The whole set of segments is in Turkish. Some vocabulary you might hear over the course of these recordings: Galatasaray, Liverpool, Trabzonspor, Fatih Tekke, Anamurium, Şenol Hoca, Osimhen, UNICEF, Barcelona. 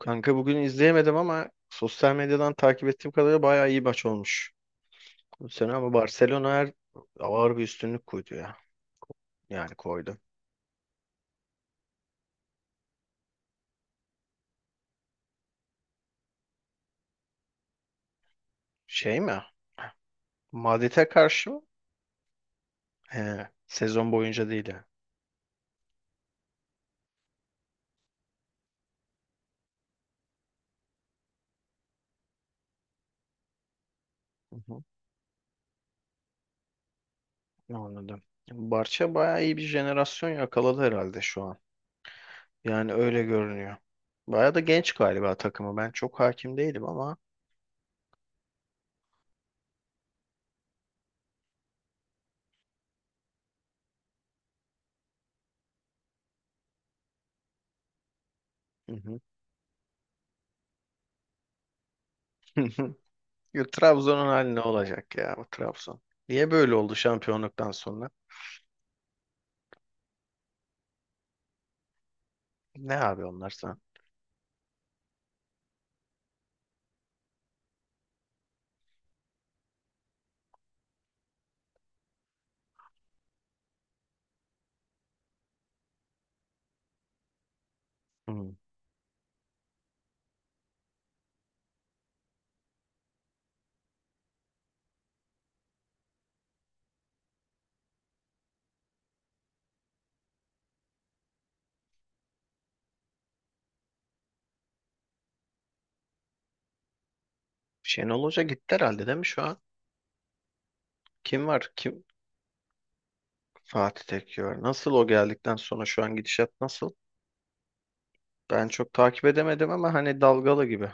Kanka bugün izleyemedim ama sosyal medyadan takip ettiğim kadarıyla bayağı iyi maç olmuş. Bu sene ama Barcelona her ağır bir üstünlük koydu ya. Yani koydu. Şey mi? Madrid'e karşı mı? He, sezon boyunca değil ya. Hı hı. Anladım. Barça bayağı iyi bir jenerasyon yakaladı herhalde şu an. Yani öyle görünüyor. Bayağı da genç galiba takımı. Ben çok hakim değilim ama. Hı hı. Ya Trabzon'un hali ne olacak ya, bu Trabzon? Niye böyle oldu şampiyonluktan sonra? Ne abi onlar sana? Hmm. Şenol Hoca gitti herhalde, değil mi şu an? Kim var? Kim? Fatih Tekke var. Nasıl, o geldikten sonra şu an gidişat nasıl? Ben çok takip edemedim ama hani dalgalı gibi.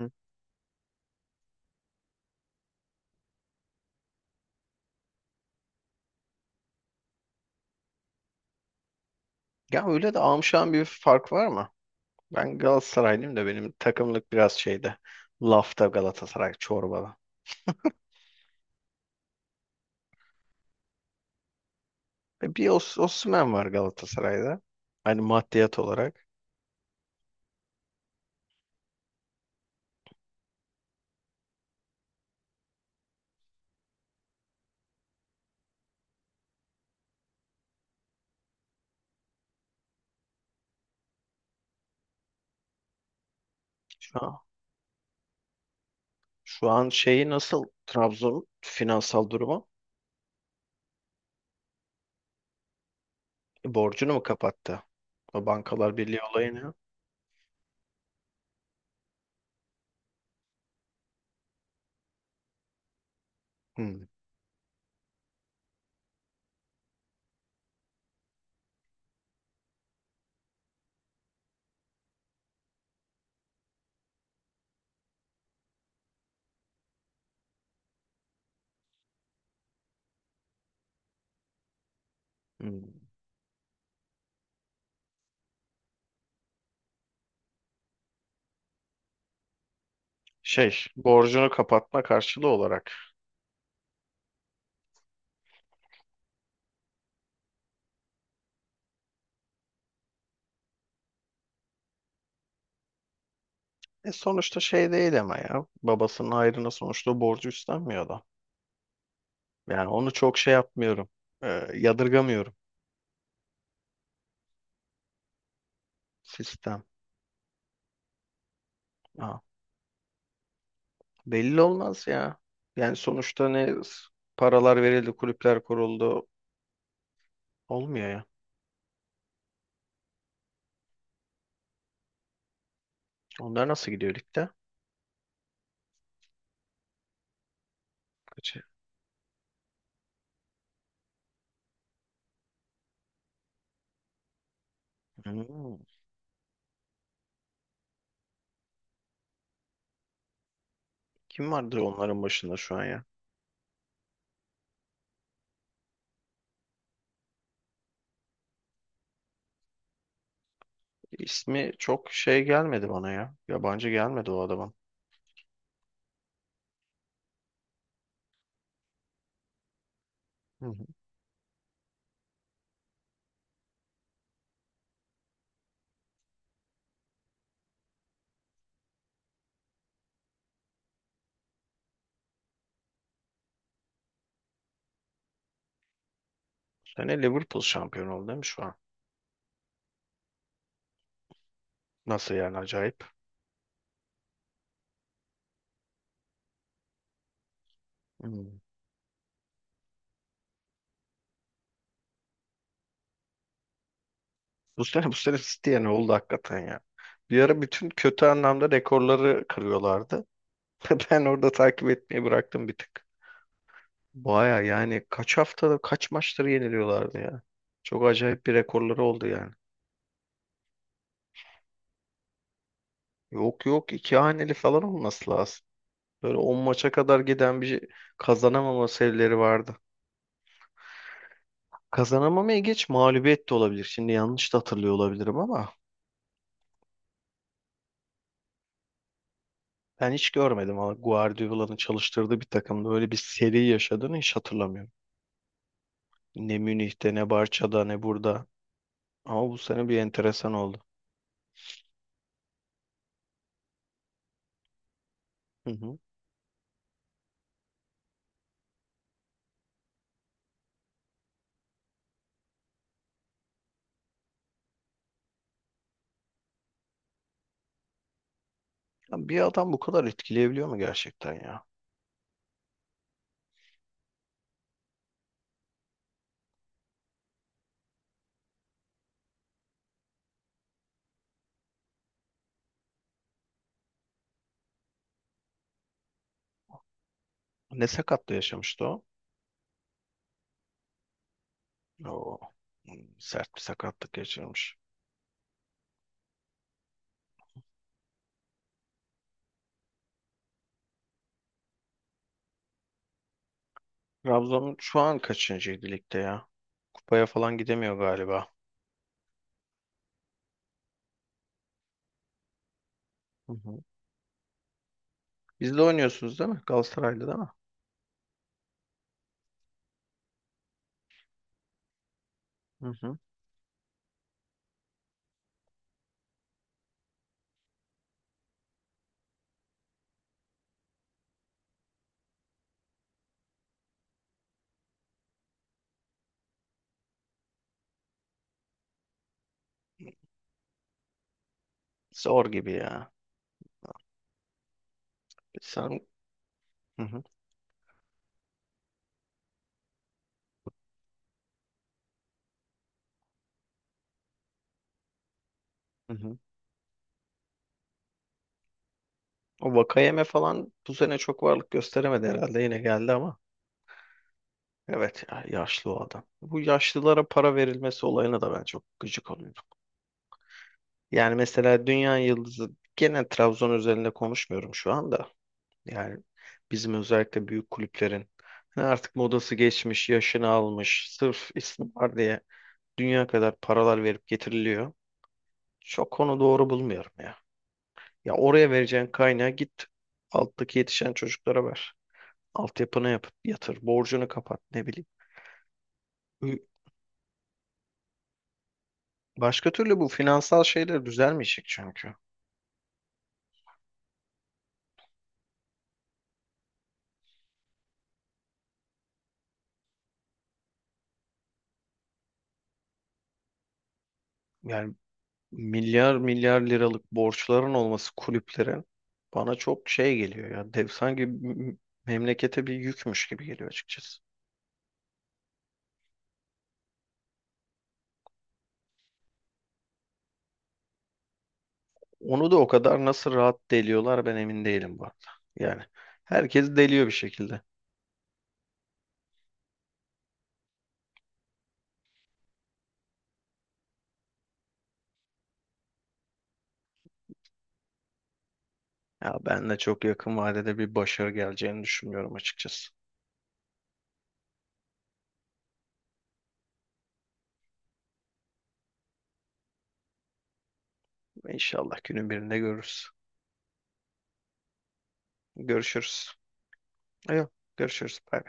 Hı. Ya öyle de amşan bir fark var mı? Ben Galatasaraylıyım da benim takımlık biraz şeyde. Lafta Galatasaray çorbalı. E, bir Osimhen var Galatasaray'da. Hani maddiyat olarak. Şu an, şu an şeyi nasıl? Trabzon finansal durumu? E, borcunu mu kapattı? O Bankalar Birliği olayını. Hı. Hmm. Şey, borcunu kapatma karşılığı olarak. E sonuçta şey değil ama ya. Babasının ayrına sonuçta borcu üstlenmiyor da. Yani onu çok şey yapmıyorum. E, yadırgamıyorum. Sistem. Ha. Belli olmaz ya. Yani sonuçta ne paralar verildi, kulüpler kuruldu. Olmuyor ya. Onlar nasıl gidiyor ligde? Kaç? Hmm. Kim vardı onların başında şu an ya? İsmi çok şey gelmedi bana ya. Yabancı gelmedi o adamın. Hı hı. Sene Liverpool şampiyon oldu, değil mi şu an? Nasıl yani, acayip. Hmm. Bu sene City'ye ne oldu hakikaten ya. Bir ara bütün kötü anlamda rekorları kırıyorlardı. Ben orada takip etmeyi bıraktım bir tık. Baya yani kaç haftada kaç maçları yeniliyorlardı ya. Çok acayip bir rekorları oldu yani. Yok, iki haneli falan olması lazım. Böyle 10 maça kadar giden bir kazanamama serileri vardı. Kazanamamaya geç mağlubiyet de olabilir. Şimdi yanlış da hatırlıyor olabilirim ama ben hiç görmedim ama Guardiola'nın çalıştırdığı bir takımda öyle bir seri yaşadığını hiç hatırlamıyorum. Ne Münih'te, ne Barça'da, ne burada. Ama bu sene bir enteresan oldu. Hı hı. Ya bir adam bu kadar etkileyebiliyor mu gerçekten ya? Ne sakatlığı yaşamıştı o? Oo, sert bir sakatlık geçirmiş. Trabzon şu an kaçıncıydı ligde ya? Kupaya falan gidemiyor galiba. Hı hı. Biz de oynuyorsunuz değil mi? Galatasaray'da değil mi? Hı hı. Zor gibi ya. Sen... Hı hı. Hı hı. O Vakayeme falan bu sene çok varlık gösteremedi herhalde. Yine geldi ama. Evet ya, yaşlı o adam. Bu yaşlılara para verilmesi olayına da ben çok gıcık oluyorum. Yani mesela Dünya Yıldızı, gene Trabzon üzerinde konuşmuyorum şu anda. Yani bizim özellikle büyük kulüplerin hani artık modası geçmiş, yaşını almış, sırf isim var diye dünya kadar paralar verip getiriliyor. Çok onu doğru bulmuyorum ya. Ya oraya vereceğin kaynağı git alttaki yetişen çocuklara ver. Altyapını yap, yatır, borcunu kapat, ne bileyim. Ü- Başka türlü bu finansal şeyler düzelmeyecek çünkü. Yani milyar milyar liralık borçların olması kulüplerin bana çok şey geliyor ya. Dev, memlekete bir yükmüş gibi geliyor açıkçası. Onu da o kadar nasıl rahat deliyorlar, ben emin değilim bu arada. Yani herkes deliyor bir şekilde. Ya ben de çok yakın vadede bir başarı geleceğini düşünmüyorum açıkçası. İnşallah günün birinde görürüz. Görüşürüz. Yok, görüşürüz. Bye.